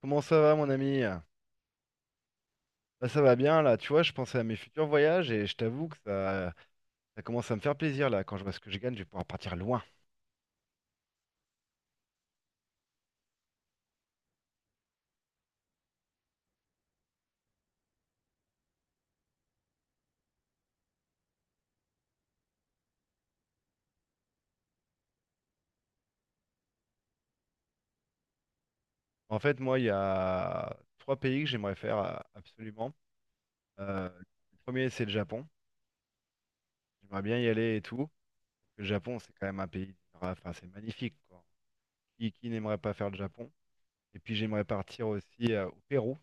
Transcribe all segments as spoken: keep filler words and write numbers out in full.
Comment ça va, mon ami? Bah, ça va bien, là. Tu vois, je pensais à mes futurs voyages et je t'avoue que ça, ça commence à me faire plaisir, là. Quand je vois ce que je gagne, je vais pouvoir partir loin. En fait, moi, il y a trois pays que j'aimerais faire euh, absolument. Euh, le premier, c'est le Japon. J'aimerais bien y aller et tout. Le Japon, c'est quand même un pays, enfin, c'est magnifique, quoi. Qui, qui n'aimerait pas faire le Japon? Et puis, j'aimerais partir aussi euh, au Pérou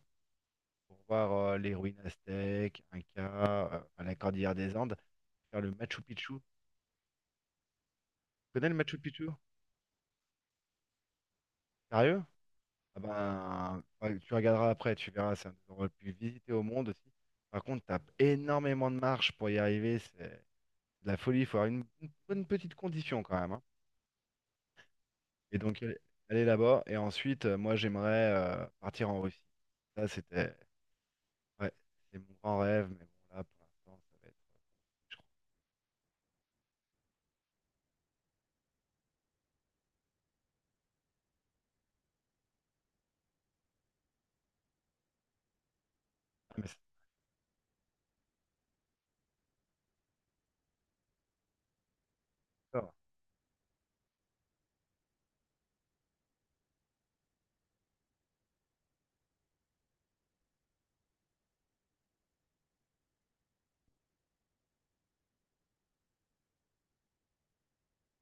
pour voir euh, les ruines aztèques, Inca, euh, enfin, la cordillère des Andes, faire le Machu Picchu. Tu connais le Machu Picchu? Sérieux? Ah ben, ouais, tu regarderas après, tu verras, c'est un des endroits les plus visités au monde aussi. Par contre, t'as énormément de marches pour y arriver, c'est de la folie, il faut avoir une, une bonne petite condition quand même, hein. Et donc, aller aller là-bas, et ensuite, euh, moi j'aimerais euh, partir en Russie. Ça, c'était, ouais, c'est mon grand rêve, mais bon, là, pour l'instant, ça va être, je crois, ah, mais c'est ça.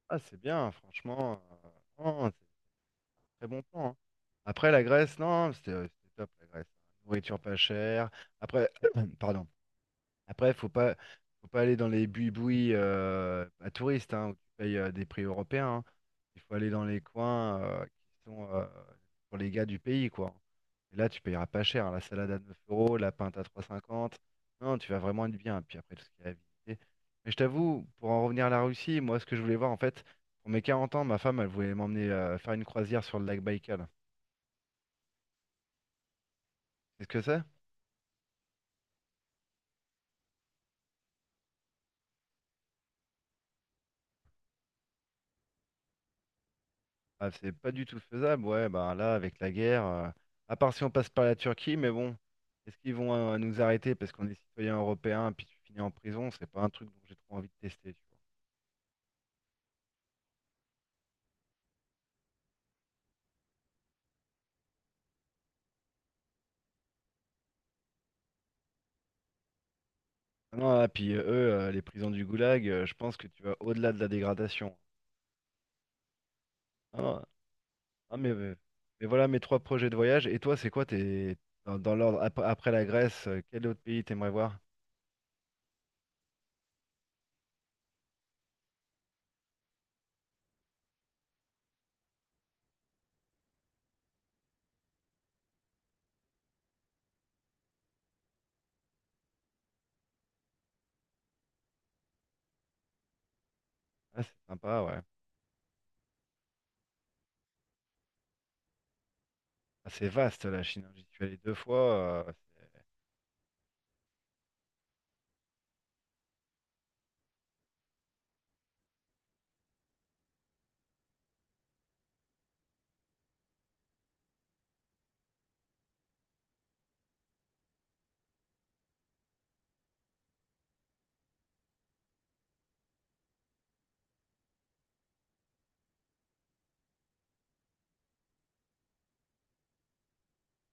Ah, c'est bien, franchement, euh, non, c'est un très bon plan, hein. Après, la Grèce, non, c'était euh, c'était top, la Grèce. Nourriture pas chère. Après, pardon. Après, faut pas, faut pas aller dans les buis-bouis euh, à touristes, hein, où tu payes euh, des prix européens, hein. Il faut aller dans les coins euh, qui sont euh, pour les gars du pays, quoi. Et là, tu payeras pas cher, hein. La salade à neuf euros, la pinte à trois euros cinquante Non, tu vas vraiment être bien. Puis après, tout ce qu'il y a à visiter. Mais je t'avoue, pour en revenir à la Russie, moi, ce que je voulais voir, en fait, pour mes quarante ans, ma femme, elle voulait m'emmener euh, faire une croisière sur le lac Baïkal. C'est ce que c'est? Ah, c'est pas du tout faisable, ouais, bah là, avec la guerre, euh, à part si on passe par la Turquie, mais bon, est-ce qu'ils vont euh, nous arrêter parce qu'on est citoyen européen, puis tu finis en prison, c'est pas un truc dont j'ai trop envie de tester, tu vois. Ah non, ah, puis euh, eux, euh, les prisons du Goulag, euh, je pense que tu vas au-delà de la dégradation. Ah, non, ah, mais, mais mais voilà mes trois projets de voyage, et toi, c'est quoi tes, dans, dans l'ordre, ap- après la Grèce, euh, quel autre pays t'aimerais voir? Ah, c'est sympa, ouais. Ah, c'est vaste, la Chine, hein. J'y suis allé deux fois, euh,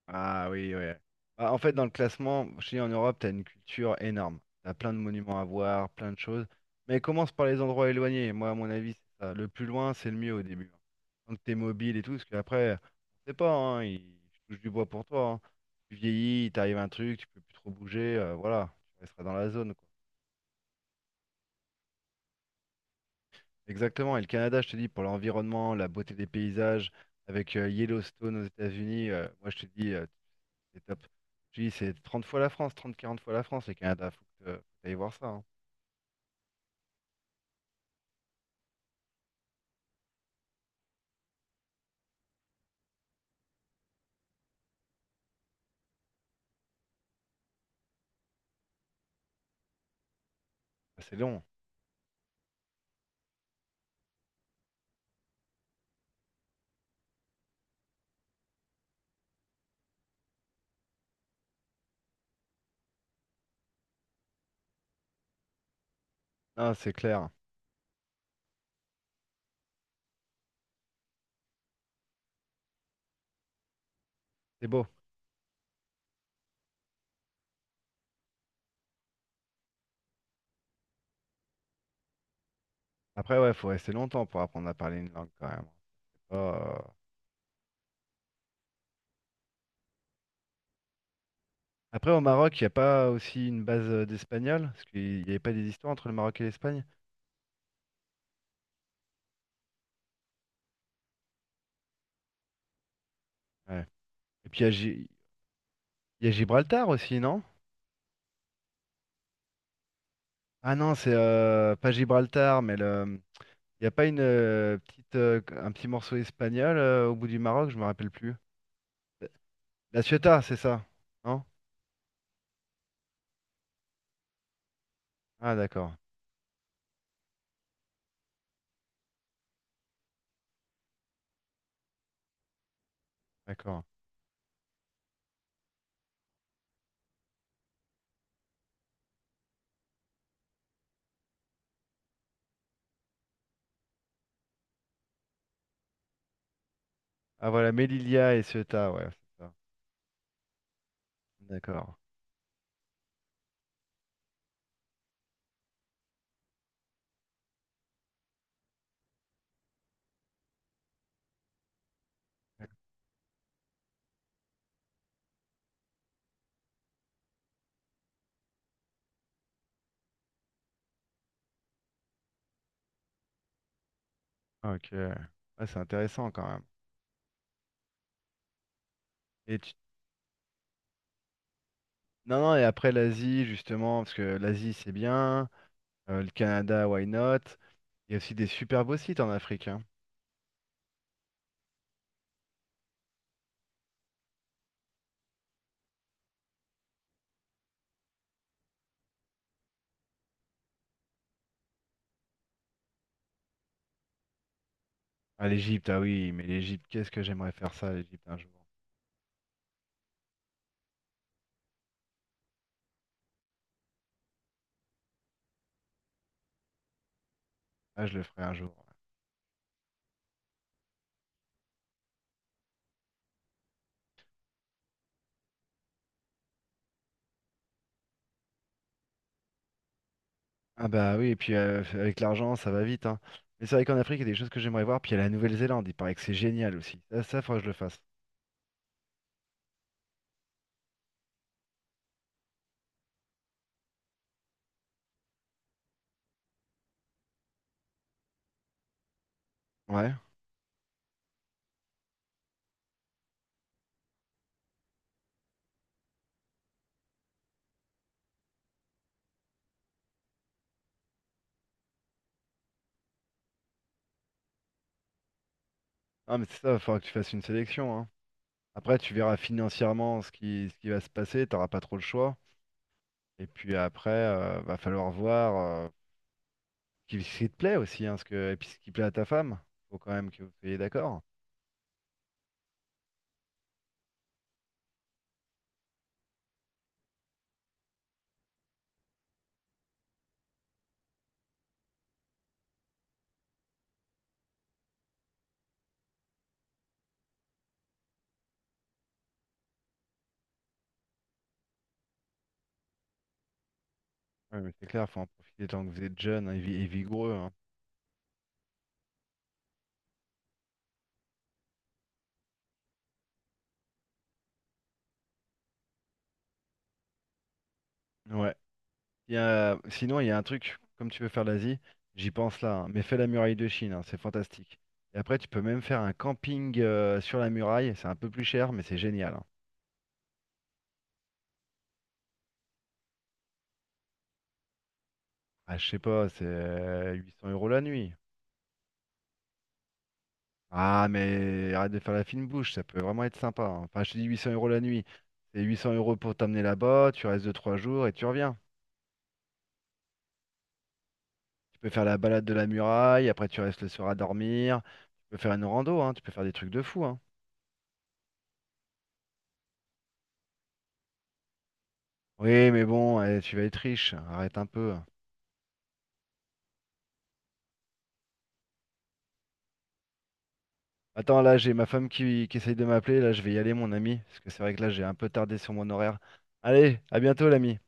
Ah oui, ouais. Ah, En fait, dans le classement, je te dis, en Europe, tu as une culture énorme. Tu as plein de monuments à voir, plein de choses. Mais commence par les endroits éloignés. Moi, à mon avis, c'est ça. Le plus loin, c'est le mieux au début, hein. Tant que tu es mobile et tout, parce qu'après, on sait pas, hein, il- je touche du bois pour toi, hein. Tu vieillis, il t'arrive un truc, tu peux plus trop bouger, euh, voilà, tu resteras dans la zone, quoi. Exactement. Et le Canada, je te dis, pour l'environnement, la beauté des paysages, avec euh, Yellowstone aux États-Unis, euh, moi, je te dis, euh, C'est top. Je dis, c'est trente fois la France, trente quarante fois la France, les Canada. Faut que tu voir ça, hein. Ouais, C'est long. Non, c'est clair. C'est beau. Après, ouais, faut rester longtemps pour apprendre à parler une langue quand même. C'est pas, euh, Après, au Maroc, il n'y a pas aussi une base euh, d'espagnol? Parce qu'il n'y avait pas des histoires entre le Maroc et l'Espagne? Ouais. Et puis, il y, a Gi- il y a Gibraltar aussi, non? Ah non, c'est euh, pas Gibraltar, mais le... il n'y a pas une, euh, petite, euh, un petit morceau espagnol euh, au bout du Maroc, je me rappelle plus. La Ciotat, c'est ça, non? Ah d'accord. D'accord. Ah voilà, Melilia et Ceuta, ouais, c'est ça. D'accord. Ah, Ok. Ouais, c'est intéressant quand même. Et tu- Non, non, et après l'Asie, justement, parce que l'Asie, c'est bien. euh, le Canada, why not? Il y a aussi des super beaux sites en Afrique, hein. Ah, l'Égypte, ah oui, mais l'Égypte, qu'est-ce que j'aimerais faire ça, l'Égypte, un jour. Ah, je le ferai un jour. ouais. Ah bah oui, et puis euh, avec l'argent, ça va vite, hein. Mais c'est vrai qu'en Afrique, il y a des choses que j'aimerais voir. Puis il y a la Nouvelle-Zélande, il paraît que c'est génial aussi. Ça, ça, faudra que je le fasse. Ouais. Ah, mais c'est ça, il faudra que tu fasses une sélection, hein. Après, tu verras financièrement ce qui, ce qui va se passer, t'auras pas trop le choix. Et puis après, euh, va falloir voir euh, qui- ce qui te plaît aussi, hein, ce que, et puis ce qui plaît à ta femme. Faut quand même que vous soyez d'accord. Ouais, mais c'est clair, faut en profiter tant que vous êtes jeune, hein, et, vi- et vigoureux, hein. Ouais. Il y a- sinon, il y a un truc, comme tu veux faire l'Asie, j'y pense là, hein, mais fais la muraille de Chine, hein, c'est fantastique. Et après, tu peux même faire un camping euh, sur la muraille, c'est un peu plus cher, mais c'est génial, hein. Ah, je sais pas, c'est euh, huit cents euros la nuit. Ah, mais arrête de faire la fine bouche, ça peut vraiment être sympa, hein. Enfin, je te dis huit cents euros la nuit. C'est huit cents euros pour t'emmener là-bas, tu restes deux trois jours et tu reviens. Tu peux faire la balade de la muraille, après tu restes le soir à dormir. Tu peux faire une rando, hein, tu peux faire des trucs de fou, hein. Oui, mais bon, eh, tu vas être riche, arrête un peu. Attends, là, j'ai ma femme qui, qui essaye de m'appeler, là, je vais y aller, mon ami, parce que c'est vrai que là, j'ai un peu tardé sur mon horaire. Allez, à bientôt, l'ami.